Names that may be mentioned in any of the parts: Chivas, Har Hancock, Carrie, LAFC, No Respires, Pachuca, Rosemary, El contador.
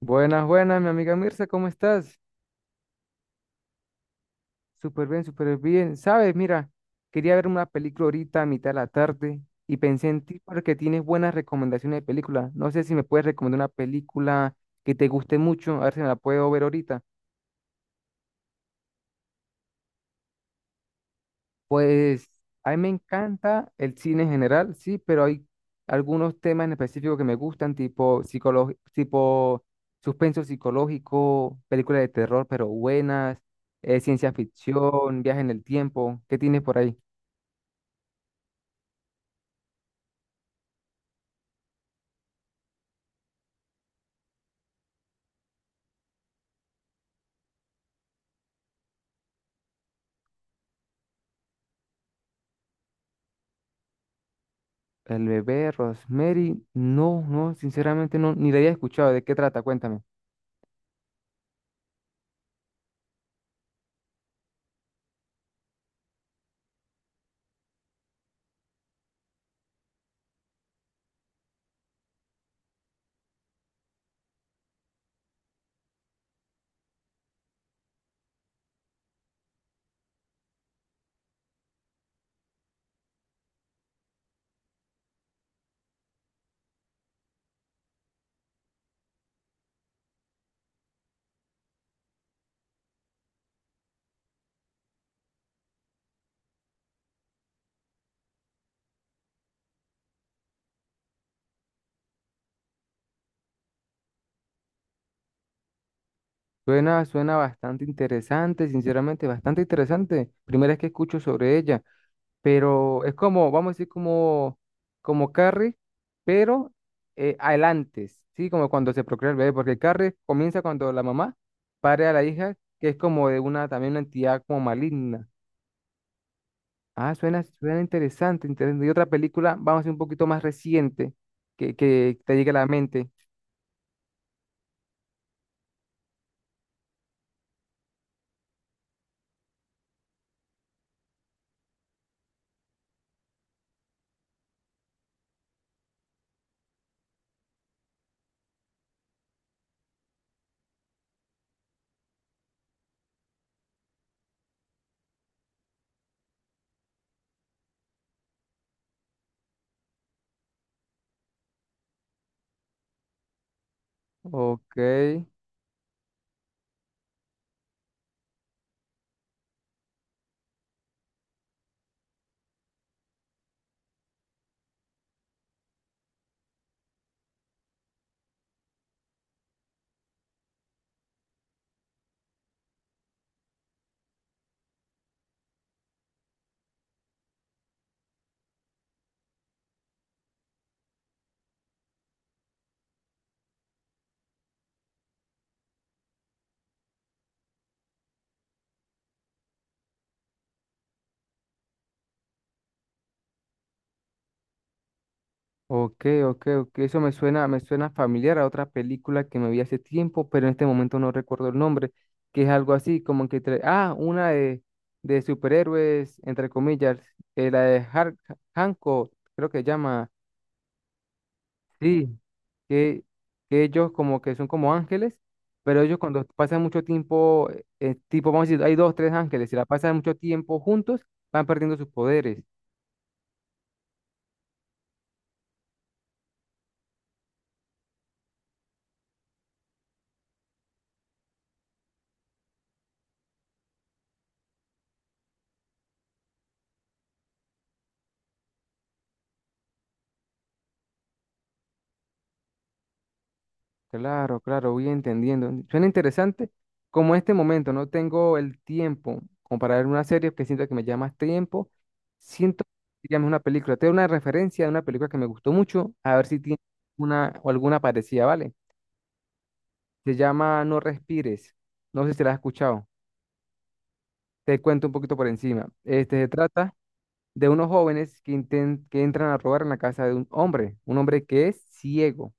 Buenas, buenas, mi amiga Mirza, ¿cómo estás? Súper bien, súper bien. Sabes, mira, quería ver una película ahorita a mitad de la tarde y pensé en ti porque tienes buenas recomendaciones de película. No sé si me puedes recomendar una película que te guste mucho, a ver si me la puedo ver ahorita. Pues a mí me encanta el cine en general, sí, pero hay algunos temas en específico que me gustan, tipo suspenso psicológico, películas de terror, pero buenas, ciencia ficción, viaje en el tiempo. ¿Qué tienes por ahí? El bebé Rosemary, no, no, sinceramente no, ni la había escuchado. ¿De qué trata? Cuéntame. Suena, suena bastante interesante, sinceramente, bastante interesante. Primera vez que escucho sobre ella. Pero es como, vamos a decir, como, como Carrie, pero al antes, ¿sí? Como cuando se procrea el bebé, porque el Carrie comienza cuando la mamá pare a la hija, que es como de una, también una entidad como maligna. Ah, suena, suena interesante, interesante. Y otra película, vamos a decir, un poquito más reciente, que te llegue a la mente. Ok. Ok, ok, ok. Eso me suena familiar a otra película que me vi hace tiempo, pero en este momento no recuerdo el nombre, que es algo así, como que... una de superhéroes, entre comillas, la de Har Hancock, creo que se llama. Sí, que, que ellos como que son como ángeles, pero ellos cuando pasan mucho tiempo, tipo, vamos a decir, hay dos, tres ángeles, si la pasan mucho tiempo juntos, van perdiendo sus poderes. Claro, claro, voy entendiendo. Suena interesante. Como en este momento no tengo el tiempo como para ver una serie que siento que me llama más tiempo, siento que es una película. Tengo una referencia de una película que me gustó mucho, a ver si tiene una o alguna parecida, ¿vale? Se llama No Respires. No sé si la has escuchado. Te cuento un poquito por encima. Este se trata de unos jóvenes que, que entran a robar en la casa de un hombre que es ciego,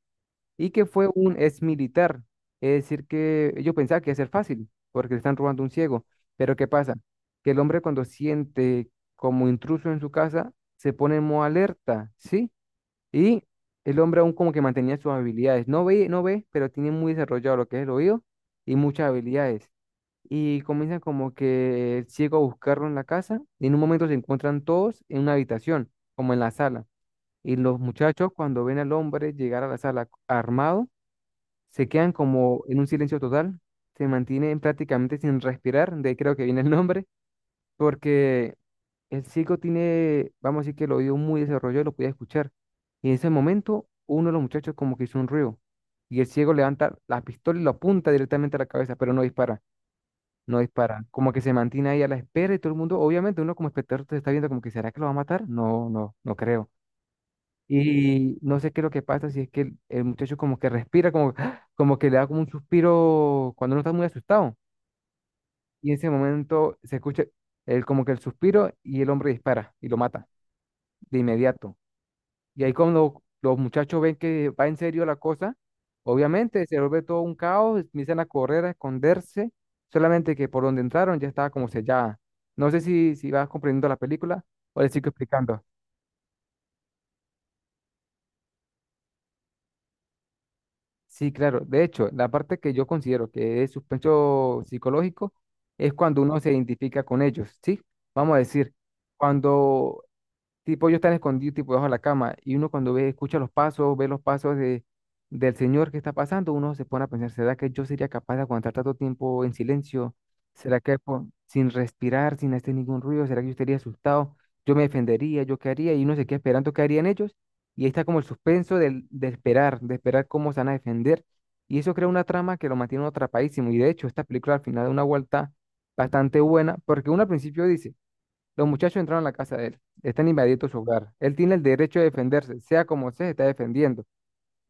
y que fue un ex militar. Es decir, que yo pensaba que iba a ser fácil, porque le están robando un ciego. Pero ¿qué pasa? Que el hombre cuando siente como intruso en su casa, se pone en modo alerta, ¿sí? Y el hombre aún como que mantenía sus habilidades. No ve, no ve, pero tiene muy desarrollado lo que es el oído y muchas habilidades. Y comienzan como que el ciego a buscarlo en la casa y en un momento se encuentran todos en una habitación, como en la sala. Y los muchachos cuando ven al hombre llegar a la sala armado, se quedan como en un silencio total, se mantienen prácticamente sin respirar, de ahí creo que viene el nombre, porque el ciego tiene, vamos a decir que el oído muy desarrollado, lo podía escuchar. Y en ese momento, uno de los muchachos como que hizo un ruido, y el ciego levanta la pistola y lo apunta directamente a la cabeza, pero no dispara, no dispara, como que se mantiene ahí a la espera y todo el mundo, obviamente uno como espectador te está viendo como que, ¿será que lo va a matar? No, no, no creo. Y no sé qué es lo que pasa, si es que el muchacho como que respira, como, ¡ah!, como que le da como un suspiro cuando uno está muy asustado. Y en ese momento se escucha el, como que el suspiro y el hombre dispara y lo mata de inmediato. Y ahí cuando los muchachos ven que va en serio la cosa, obviamente se vuelve todo un caos, empiezan a correr, a esconderse, solamente que por donde entraron ya estaba como sellada. No sé si vas comprendiendo la película o le sigo explicando. Sí, claro. De hecho, la parte que yo considero que es suspenso psicológico es cuando uno se identifica con ellos, ¿sí? Vamos a decir, cuando tipo, ellos están escondidos, tipo, bajo la cama. Y uno cuando ve, escucha los pasos, ve los pasos de, del señor que está pasando, uno se pone a pensar, ¿será que yo sería capaz de aguantar tanto tiempo en silencio? ¿Será que sin respirar, sin hacer ningún ruido? ¿Será que yo estaría asustado? ¿Yo me defendería? ¿Yo qué haría? Y uno se queda esperando qué harían ellos. Y ahí está como el suspenso del, de esperar cómo se van a defender. Y eso crea una trama que lo mantiene uno atrapadísimo. Y de hecho, esta película al final da una vuelta bastante buena, porque uno al principio dice, los muchachos entraron a la casa de él, están invadiendo su hogar. Él tiene el derecho de defenderse, sea como sea, se está defendiendo.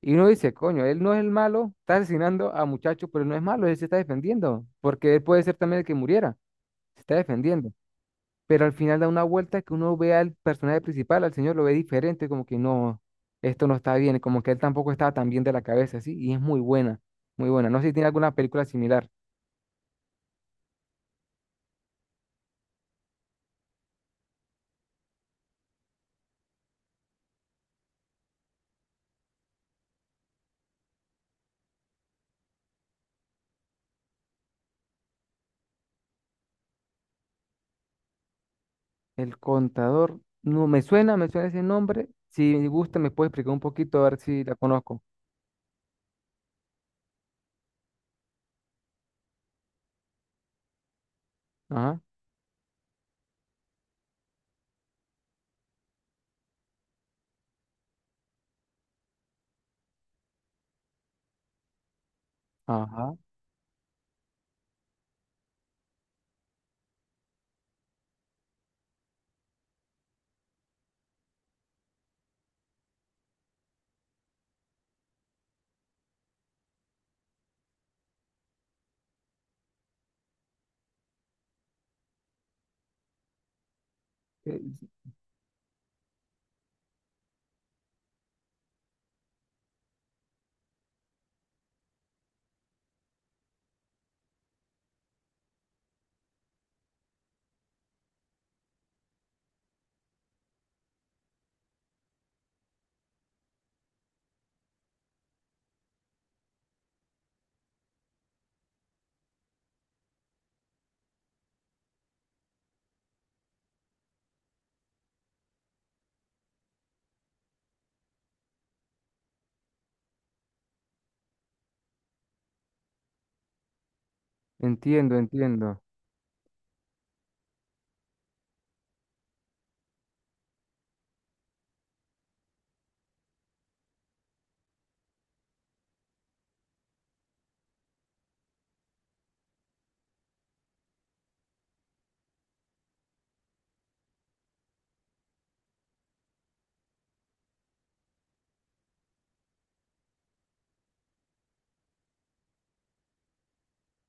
Y uno dice, coño, él no es el malo, está asesinando a muchachos, pero no es malo, él se está defendiendo, porque él puede ser también el que muriera, se está defendiendo. Pero al final da una vuelta que uno ve al personaje principal, al señor lo ve diferente, como que no, esto no está bien, como que él tampoco estaba tan bien de la cabeza, ¿sí? Y es muy buena, muy buena. No sé si tiene alguna película similar. El contador. No, me suena ese nombre. Si me gusta, me puede explicar un poquito a ver si la conozco. Ajá, ajá. eh, Entiendo, entiendo.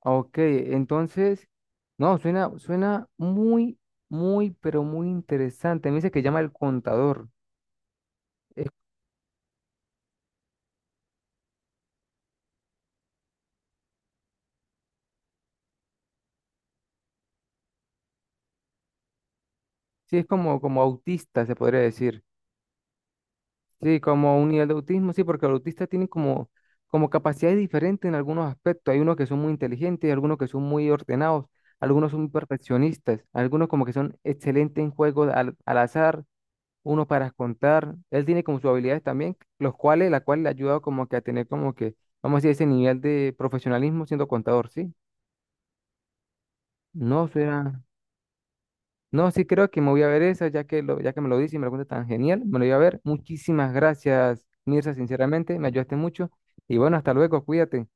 Ok, entonces, no, suena, suena muy, muy, pero muy interesante. Me dice que llama el contador. Es- sí, es como, como autista, se podría decir. Sí, como un nivel de autismo, sí, porque los autistas tienen como, como capacidades diferentes en algunos aspectos. Hay unos que son muy inteligentes, algunos que son muy ordenados, algunos son muy perfeccionistas, algunos como que son excelentes en juegos al azar, unos para contar. Él tiene como sus habilidades también, los cuales, la cual le ha ayudado como que a tener como que, vamos a decir, ese nivel de profesionalismo siendo contador, ¿sí? No, será. No, sí creo que me voy a ver esa, ya que, lo, ya que me lo dice y me lo cuenta tan genial, me lo voy a ver. Muchísimas gracias, Mirza, sinceramente, me ayudaste mucho. Y bueno, hasta luego, cuídate.